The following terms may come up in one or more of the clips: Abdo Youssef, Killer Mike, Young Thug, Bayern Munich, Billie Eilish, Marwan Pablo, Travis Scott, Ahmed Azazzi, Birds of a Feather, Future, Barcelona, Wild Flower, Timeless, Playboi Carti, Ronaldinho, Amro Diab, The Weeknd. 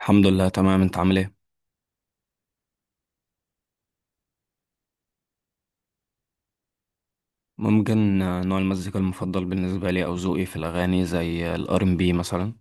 الحمد لله تمام، انت عامل ايه؟ ممكن، نوع المزيكا المفضل بالنسبه لي او ذوقي في الاغاني زي الار ام بي مثلا.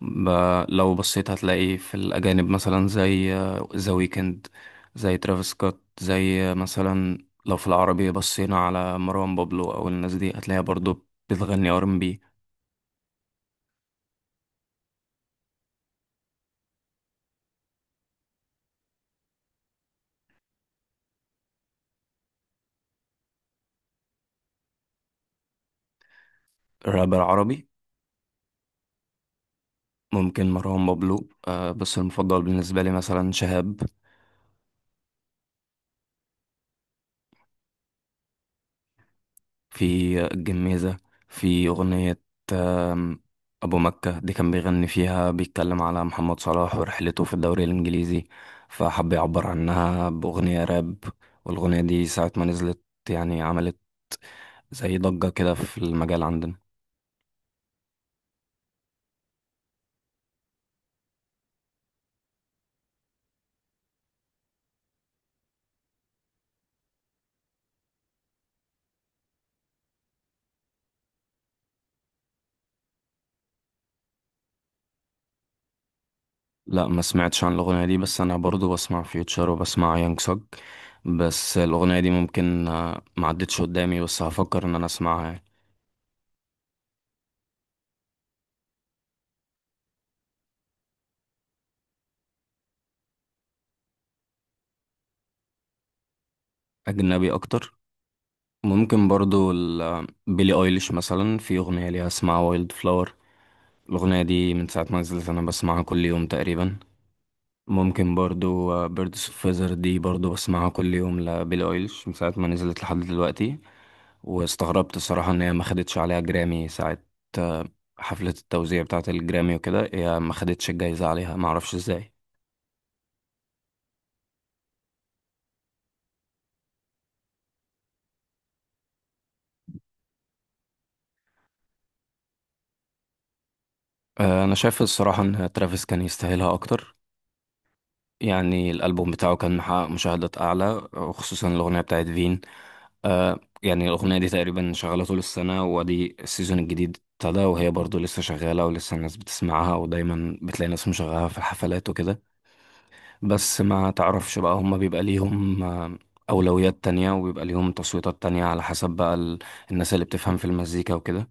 ب... لو بصيت هتلاقي في الاجانب مثلا زي ذا ويكند، زي ترافيس سكوت، زي مثلا. لو في العربي بصينا على مروان بابلو او الناس دي هتلاقيها برضو بتغني ار ام بي. رابر عربي؟ ممكن مروان بابلو، بس المفضل بالنسبه لي مثلا شهاب في الجميزة. في أغنية آم، أبو مكة دي كان بيغني فيها، بيتكلم على محمد صلاح ورحلته في الدوري الإنجليزي، فحب يعبر عنها بأغنية راب. والأغنية دي ساعة ما نزلت يعني عملت زي ضجة كده في المجال عندنا. لا، ما سمعتش عن الأغنية دي، بس أنا برضو بسمع فيوتشر وبسمع يانج سوج. بس الأغنية دي ممكن، ما عدتش قدامي، بس هفكر إن أنا أسمعها يعني. أجنبي أكتر؟ ممكن برضو بيلي ايليش، مثلا في اغنيه ليها اسمها وايلد فلاور. الاغنيه دي من ساعه ما نزلت انا بسمعها كل يوم تقريبا. ممكن برضو بيردس اوف فيزر دي برضو بسمعها كل يوم لبيلي ايليش من ساعه ما نزلت لحد دلوقتي. واستغربت الصراحه ان هي ما خدتش عليها جرامي ساعه، آه، حفله التوزيع بتاعه الجرامي وكده، هي ما خدتش الجايزه عليها، ما اعرفش ازاي. انا شايف الصراحه ان ترافيس كان يستاهلها اكتر. يعني الالبوم بتاعه كان محقق مشاهدات اعلى، وخصوصا الاغنيه بتاعت فين. يعني الأغنية دي تقريبا شغالة طول السنة، وادي السيزون الجديد ابتدى وهي برضو لسه شغالة، ولسه الناس بتسمعها، ودايما بتلاقي ناس مشغلها في الحفلات وكده. بس ما تعرفش بقى، هما بيبقى ليهم أولويات تانية، وبيبقى ليهم تصويتات تانية على حسب بقى الناس اللي بتفهم في المزيكا وكده.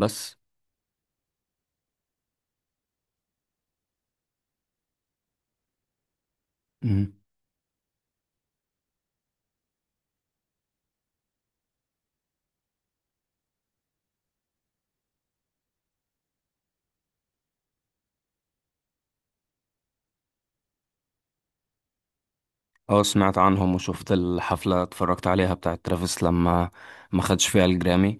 بس. مم. اه، سمعت عنهم، وشفت الحفلة، اتفرجت عليها بتاعت ترافيس لما ما خدش فيها الجرامي.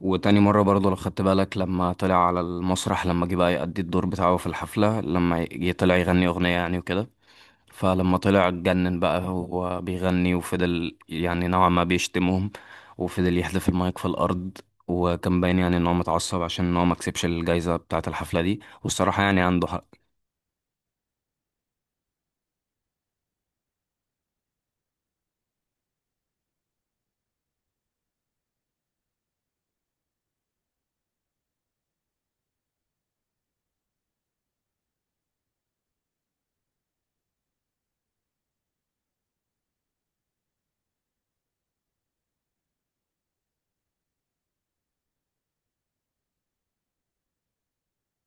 وتاني مرة برضه، لو خدت بالك، لما طلع على المسرح، لما جه بقى يأدي الدور بتاعه في الحفلة، لما جه طلع يغني أغنية يعني وكده، فلما طلع اتجنن بقى هو بيغني، وفضل يعني نوعا ما بيشتمهم، وفضل يحذف المايك في الأرض. وكان باين يعني إن هو متعصب عشان إن هو مكسبش الجايزة بتاعة الحفلة دي، والصراحة يعني عنده حق.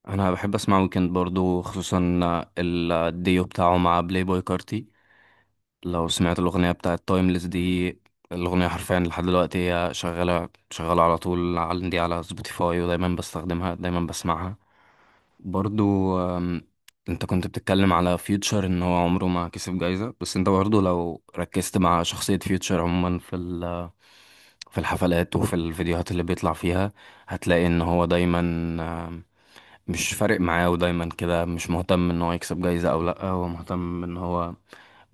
أنا بحب أسمع ويكند برضه، خصوصا الديو بتاعه مع بلاي بوي كارتي. لو سمعت الأغنية بتاعت تايمليس دي، الأغنية حرفيا لحد دلوقتي هي شغالة، شغالة على طول عندي على سبوتيفاي، ودايما بستخدمها، دايما بسمعها. برضو، انت كنت بتتكلم على فيوتشر ان هو عمره ما كسب جايزة، بس انت برضو لو ركزت مع شخصية فيوتشر عموما، في ال في الحفلات وفي الفيديوهات اللي بيطلع فيها، هتلاقي ان هو دايما، أم، مش فارق معاه، ودايما كده مش مهتم ان هو يكسب جايزة او لا. هو مهتم ان هو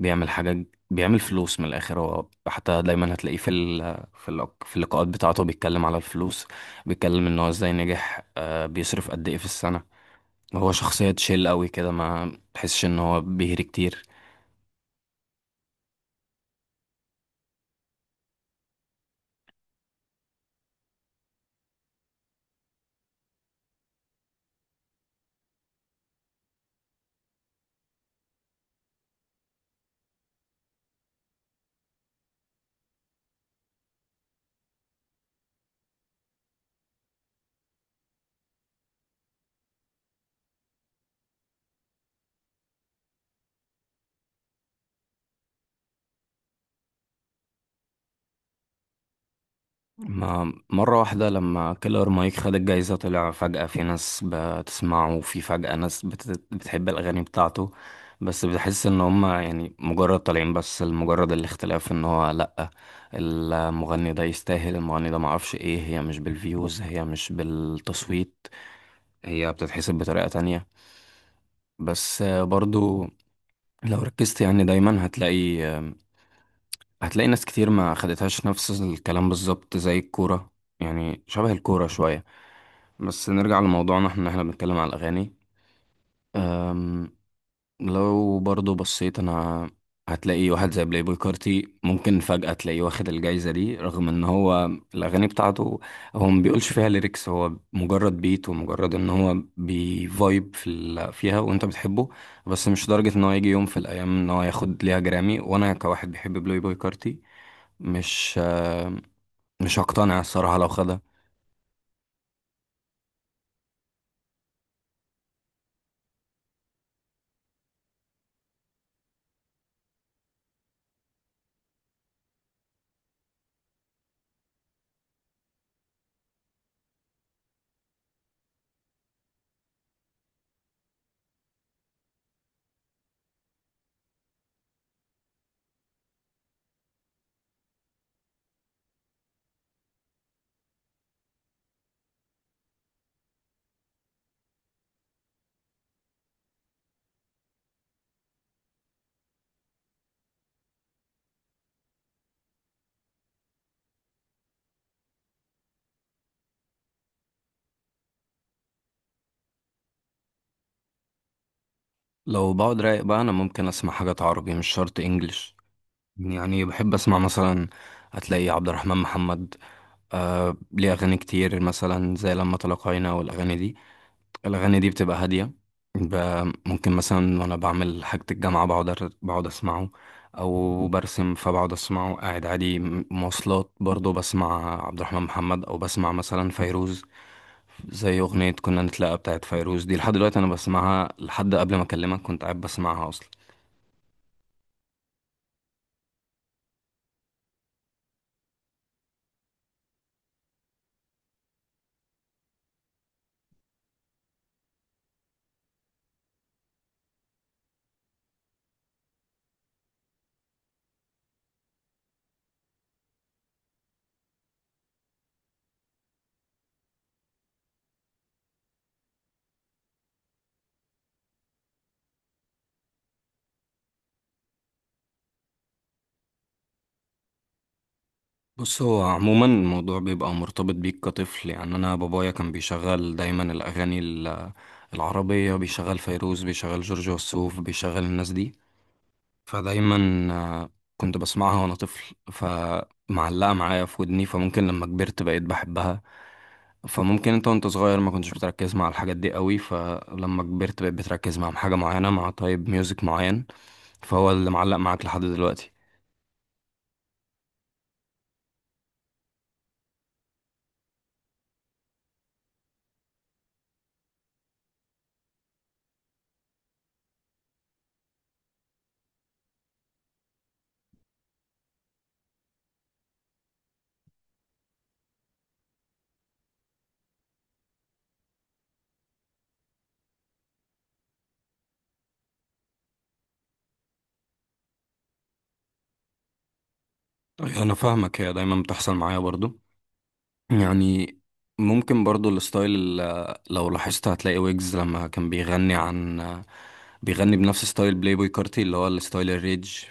بيعمل حاجات، بيعمل فلوس من الاخر. هو حتى دايما هتلاقيه في اللقاءات بتاعته بيتكلم على الفلوس، بيتكلم ان هو ازاي نجح، بيصرف قد ايه في السنة. هو شخصية تشيل قوي كده، ما تحسش ان هو بيهري كتير. ما مرة واحدة لما كيلر مايك خد الجايزة، طلع فجأة في ناس بتسمعه، وفي فجأة ناس بتحب الأغاني بتاعته. بس بحس إن هما يعني مجرد طالعين بس لمجرد الاختلاف، إن هو لأ، المغني ده يستاهل، المغني ده، معرفش. إيه، هي مش بالفيوز، هي مش بالتصويت، هي بتتحسب بطريقة تانية. بس برضو لو ركزت، يعني دايما هتلاقي، هتلاقي ناس كتير ما خدتهاش. نفس الكلام بالظبط زي الكورة، يعني شبه الكورة شوية. بس نرجع لموضوعنا، احنا إن احنا بنتكلم على الأغاني. أم، لو برضو بصيت أنا، هتلاقي واحد زي بلاي بوي كارتي ممكن فجأة تلاقيه واخد الجايزة دي، رغم ان هو الأغاني بتاعته هو ما بيقولش فيها ليركس، هو مجرد بيت، ومجرد ان هو بيفايب فيها، وانت بتحبه. بس مش لدرجة ان هو يجي يوم في الأيام ان هو ياخد ليها جرامي، وانا كواحد بيحب بلاي بوي كارتي، مش آه، مش هقتنع الصراحة لو خدها. لو بقعد رايق بقى، أنا ممكن أسمع حاجات عربي، مش شرط إنجليش. يعني بحب أسمع مثلا، هتلاقي عبد الرحمن محمد، آه، ليه أغاني كتير مثلا زي لما تلاقينا والأغاني دي. الأغاني دي بتبقى هادية. ممكن مثلا وأنا بعمل حاجة الجامعة بقعد، أسمعه، أو برسم فبقعد أسمعه، قاعد عادي، مواصلات برضه بسمع عبد الرحمن محمد، أو بسمع مثلا فيروز، زي أغنية كنا نتلاقى بتاعت فيروز دي. لحد دلوقتي أنا بسمعها، لحد قبل ما أكلمك كنت قاعد بسمعها أصلا. بص، هو عموما الموضوع بيبقى مرتبط بيك كطفل. يعني أنا بابايا كان بيشغل دايما الأغاني العربية، بيشغل فيروز، بيشغل جورج وسوف، بيشغل الناس دي. فدايما آه، كنت بسمعها وأنا طفل، فمعلقة معايا في ودني، فممكن لما كبرت بقيت بحبها. فممكن انت وانت صغير ما كنتش بتركز مع الحاجات دي قوي، فلما كبرت بقيت بتركز مع حاجة معينة، مع طيب ميوزك معين، فهو اللي معلق معاك لحد دلوقتي. أيوة، انا فاهمك. هي دايما بتحصل معايا برضو. يعني ممكن برضو الستايل لو لاحظت هتلاقي ويجز لما كان بيغني بنفس ستايل بلاي بوي كارتي، اللي هو الستايل الريج.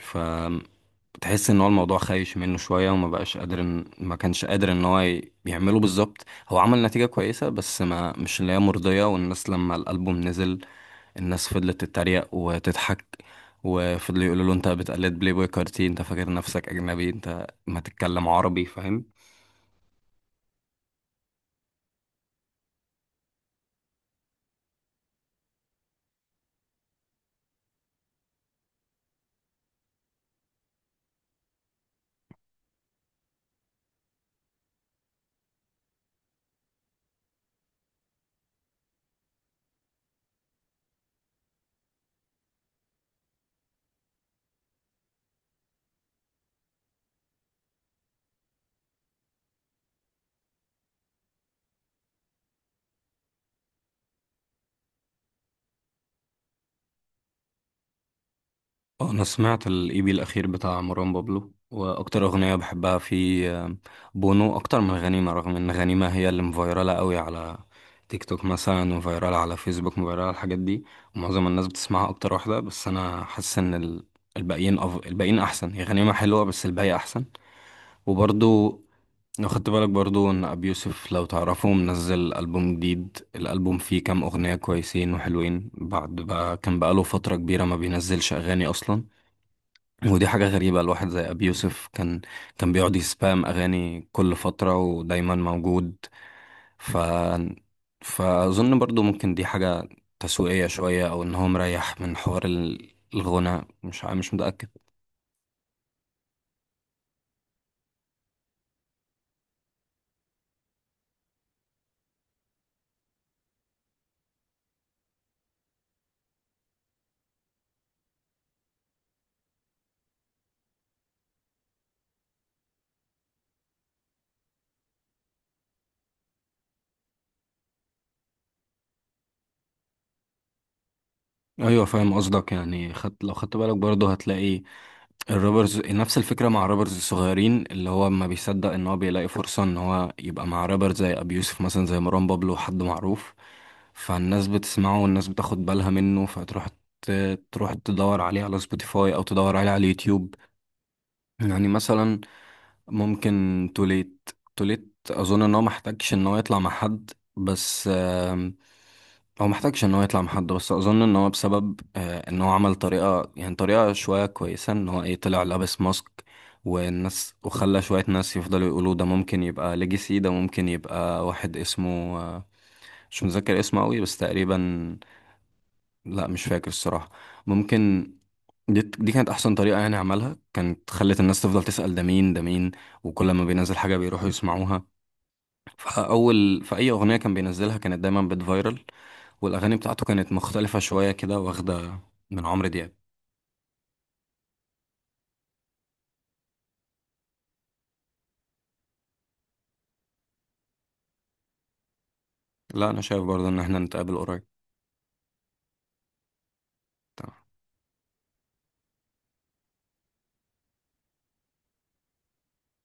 تحس ان هو الموضوع خايش منه شويه، وما بقاش قادر، ما كانش قادر ان هو يعمله بالظبط. هو عمل نتيجه كويسه، بس ما مش اللي هي مرضيه. والناس لما الالبوم نزل، الناس فضلت تتريق وتضحك، وفضلوا يقولوا له انت بتقلد بلاي بوي كارتي، انت فاكر نفسك اجنبي، انت ما تتكلم عربي، فاهم. انا سمعت الاي بي الاخير بتاع مروان بابلو، واكتر اغنيه بحبها في بونو، اكتر من غنيمه، رغم ان غنيمه هي اللي مفيراله قوي على تيك توك مثلا، وفيراله على فيسبوك، مفيراله الحاجات دي، ومعظم الناس بتسمعها اكتر واحده. بس انا حاسس ان الباقيين احسن. هي غنيمه حلوه، بس الباقي احسن. وبرضو لو خدت بالك برضو، ان ابي يوسف لو تعرفه منزل البوم جديد، الالبوم فيه كام اغنيه كويسين وحلوين، بعد بقى كان بقاله فتره كبيره ما بينزلش اغاني اصلا. ودي حاجة غريبة، الواحد زي أبي يوسف كان، كان بيقعد يسبام أغاني كل فترة، ودايما موجود. ف فأظن برضو ممكن دي حاجة تسويقية شوية، أو إن هو مريح من حوار الغنى، مش مش متأكد. أيوة فاهم قصدك، يعني خدت، لو خدت بالك برضو هتلاقي الروبرز نفس الفكرة، مع روبرز الصغيرين، اللي هو ما بيصدق ان هو بيلاقي فرصة ان هو يبقى مع رابر زي ابي يوسف مثلا، زي مروان بابلو، حد معروف، فالناس بتسمعه، والناس بتاخد بالها منه، فتروح تروح تدور عليه على سبوتيفاي، او تدور عليه على اليوتيوب. يعني مثلا ممكن توليت اظن ان هو محتاجش ان هو يطلع مع حد. بس هو محتاجش ان هو يطلع مع حد، بس اظن ان هو بسبب ان هو عمل طريقة، يعني طريقة شوية كويسة، ان هو ايه، طلع لابس ماسك، والناس، وخلى شوية ناس يفضلوا يقولوا ده ممكن يبقى ليجاسي، ده ممكن يبقى واحد اسمه مش متذكر اسمه قوي، بس تقريبا، لا مش فاكر الصراحة. ممكن دي كانت احسن طريقه يعني عملها، كانت خلت الناس تفضل تسال ده مين، ده مين، وكل ما بينزل حاجه بيروحوا يسمعوها. فاول، في اي اغنيه كان بينزلها، كانت دايما بتفايرل. والاغاني بتاعته كانت مختلفه شويه كده، واخده من عمرو دياب. لا، انا شايف برضه ان احنا نتقابل قريب.